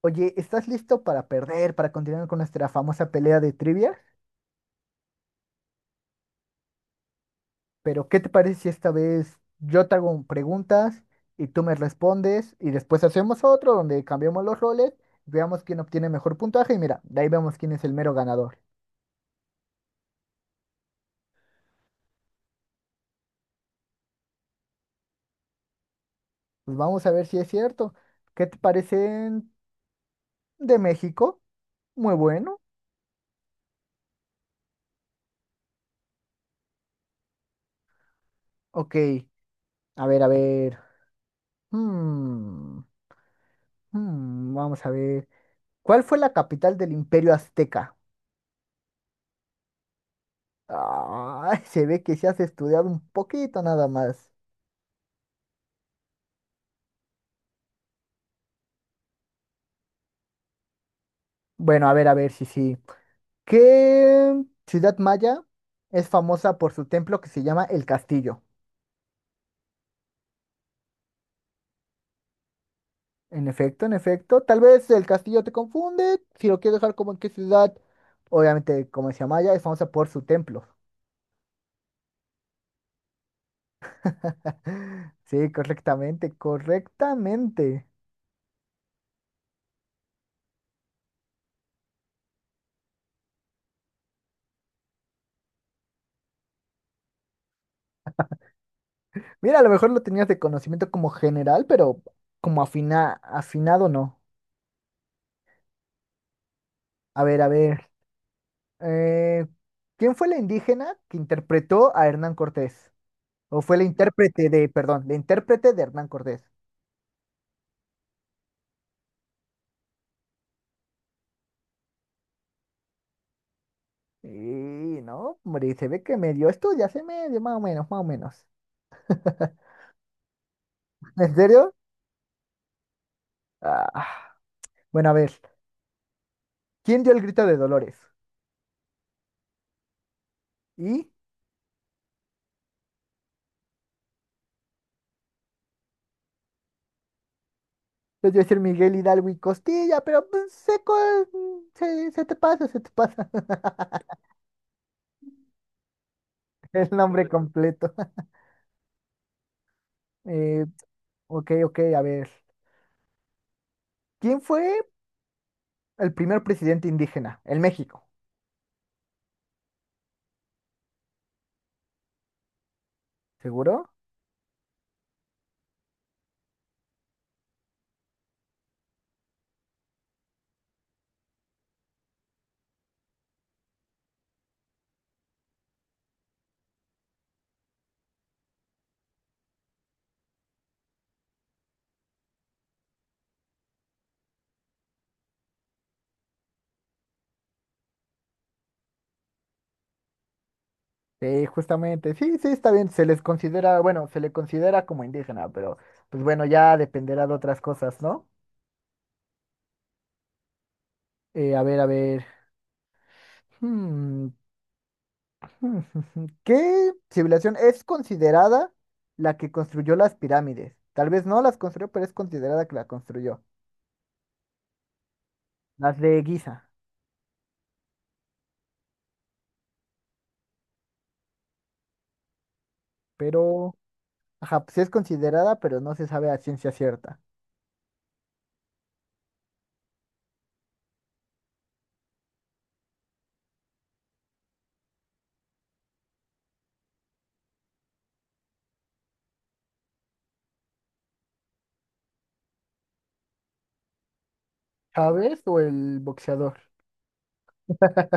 Oye, ¿estás listo para perder, para continuar con nuestra famosa pelea de trivia? Pero, ¿qué te parece si esta vez yo te hago preguntas y tú me respondes y después hacemos otro donde cambiamos los roles, veamos quién obtiene mejor puntaje y mira, de ahí vemos quién es el mero ganador. Pues vamos a ver si es cierto. ¿Qué te parecen de México? Muy bueno. Ok, a ver, a ver. Hmm, vamos a ver. ¿Cuál fue la capital del Imperio Azteca? Ah, se ve que se has estudiado un poquito nada más. Bueno, a ver, sí, sí. ¿Qué ciudad maya es famosa por su templo que se llama El Castillo? En efecto, en efecto. Tal vez el castillo te confunde. Si lo quieres dejar como en qué ciudad, obviamente, como decía Maya, es famosa por su templo. Sí, correctamente, correctamente. Mira, a lo mejor lo tenías de conocimiento como general, pero como afina, afinado no. A ver, a ver. Eh, ¿Quién fue la indígena que interpretó a Hernán Cortés? ¿O fue la intérprete de, perdón, la intérprete de Hernán Cortés? Y no, hombre, se ve que medio ya se medio, más o menos, más o menos. ¿En serio? Ah, bueno, a ver, ¿quién dio el grito de Dolores? Y pues yo decir Miguel Hidalgo y Costilla, pero pues, se te pasa el nombre completo. Eh, ok, ok, a ver. ¿Quién fue el primer presidente indígena? El México, ¿seguro? Sí, justamente, sí, sí, está bien, se les considera, bueno, se le considera como indígena, pero pues bueno, ya dependerá de otras cosas, ¿no? A ver, a ver, hmm, ¿qué civilización es considerada la que construyó las pirámides? Tal vez no las construyó, pero es considerada que la construyó. Las de Giza, pero, ajá, pues sí es considerada, pero no se sabe a ciencia cierta. ¿Chávez o el boxeador?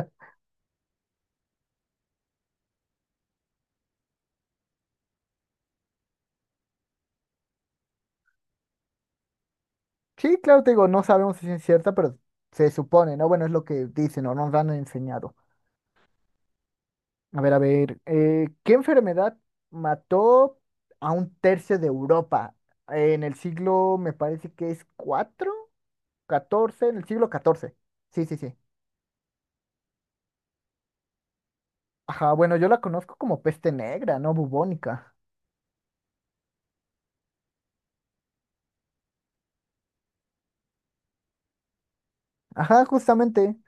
Sí, claro, te digo, no sabemos si es cierta, pero se supone, ¿no? Bueno, es lo que dicen o nos han enseñado. A ver, ¿qué enfermedad mató a un tercio de Europa en el siglo, me parece que es 4 XIV, en el siglo XIV. Sí, sí, sí. Ajá, bueno, yo la conozco como peste negra, ¿no? Bubónica. Ajá, justamente.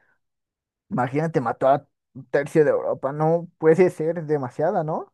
Imagínate, mató a un tercio de Europa, no puede ser demasiada, ¿no?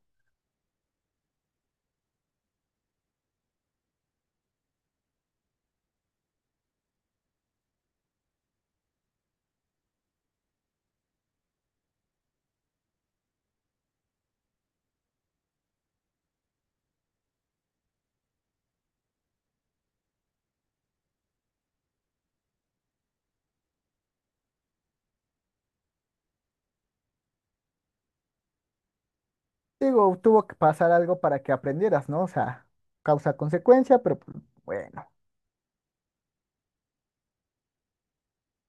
Digo, tuvo que pasar algo para que aprendieras, ¿no? O sea, causa-consecuencia, pero pues, bueno.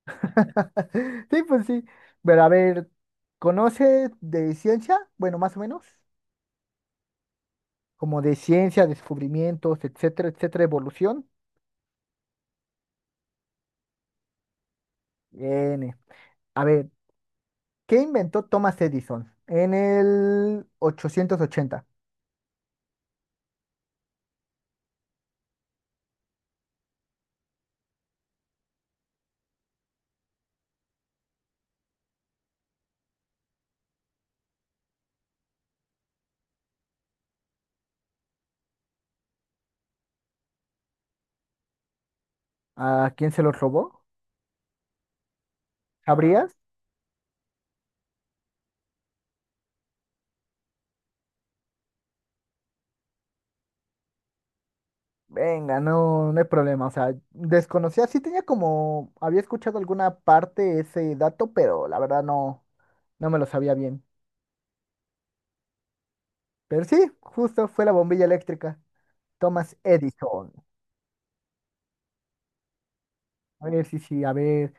Sí, pues sí. Pero a ver, ¿conoce de ciencia? Bueno, más o menos. Como de ciencia, descubrimientos, etcétera, etcétera, evolución. N. A ver, ¿qué inventó Thomas Edison en el 880? ¿A quién se lo robó? ¿Sabrías? Venga, no, no hay problema. O sea, desconocía, sí tenía como, había escuchado alguna parte ese dato, pero la verdad no, no me lo sabía bien. Pero sí, justo fue la bombilla eléctrica. Thomas Edison. A ver, sí, sí, a ver.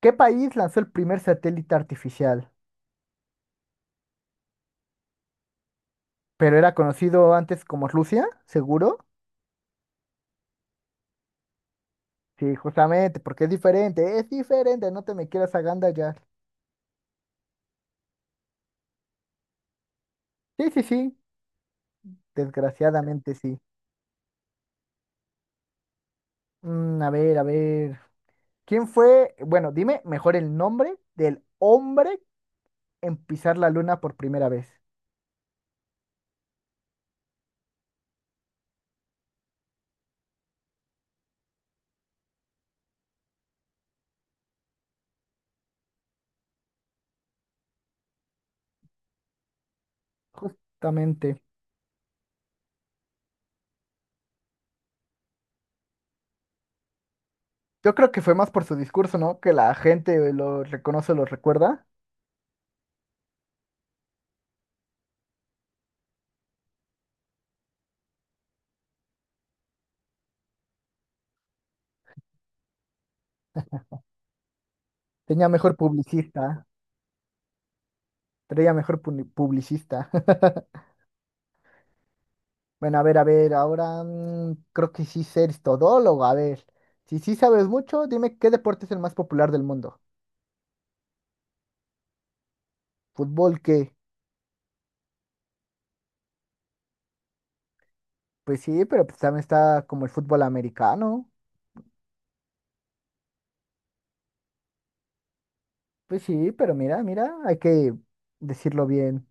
¿Qué país lanzó el primer satélite artificial? Pero era conocido antes como Rusia, seguro. Sí, justamente, porque es diferente, no te me quieras agandallar. Sí, sí, sí, desgraciadamente sí. A ver, a ver. ¿Quién fue, bueno, dime mejor el nombre del hombre en pisar la luna por primera vez? Justamente. Yo creo que fue más por su discurso, ¿no? Que la gente lo reconoce, lo recuerda. Tenía mejor publicista, tenía mejor publicista. Bueno, a ver, ahora creo que sí eres todólogo, a ver. Si sí sabes mucho, dime qué deporte es el más popular del mundo. ¿Fútbol qué? Pues sí, pero pues también está como el fútbol americano. Pues sí, pero mira, mira, hay que decirlo bien.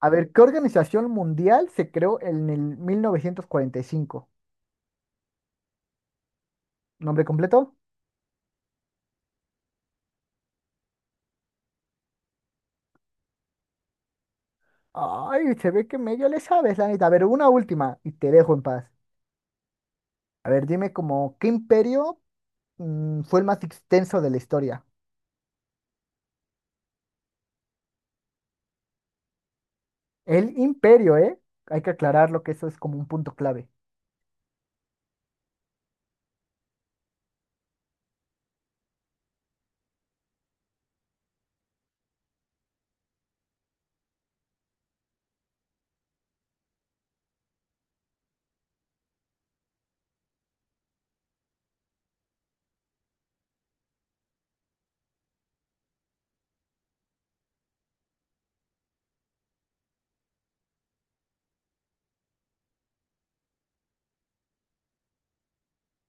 A ver, ¿qué organización mundial se creó en el 1945? ¿Nombre completo? Ay, se ve que medio le sabes, la neta. A ver, una última y te dejo en paz. A ver, dime como, ¿qué imperio fue el más extenso de la historia? El imperio, ¿eh? Hay que aclararlo que eso es como un punto clave.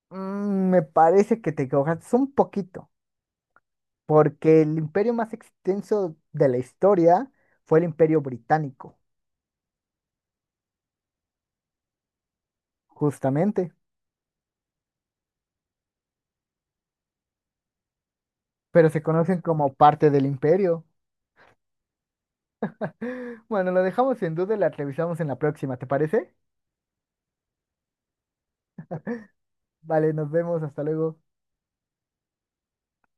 Me parece que te equivocaste un poquito, porque el imperio más extenso de la historia fue el imperio británico. Justamente, pero se conocen como parte del imperio. Bueno, lo dejamos en duda y la revisamos en la próxima, ¿te parece? Vale, nos vemos, hasta luego.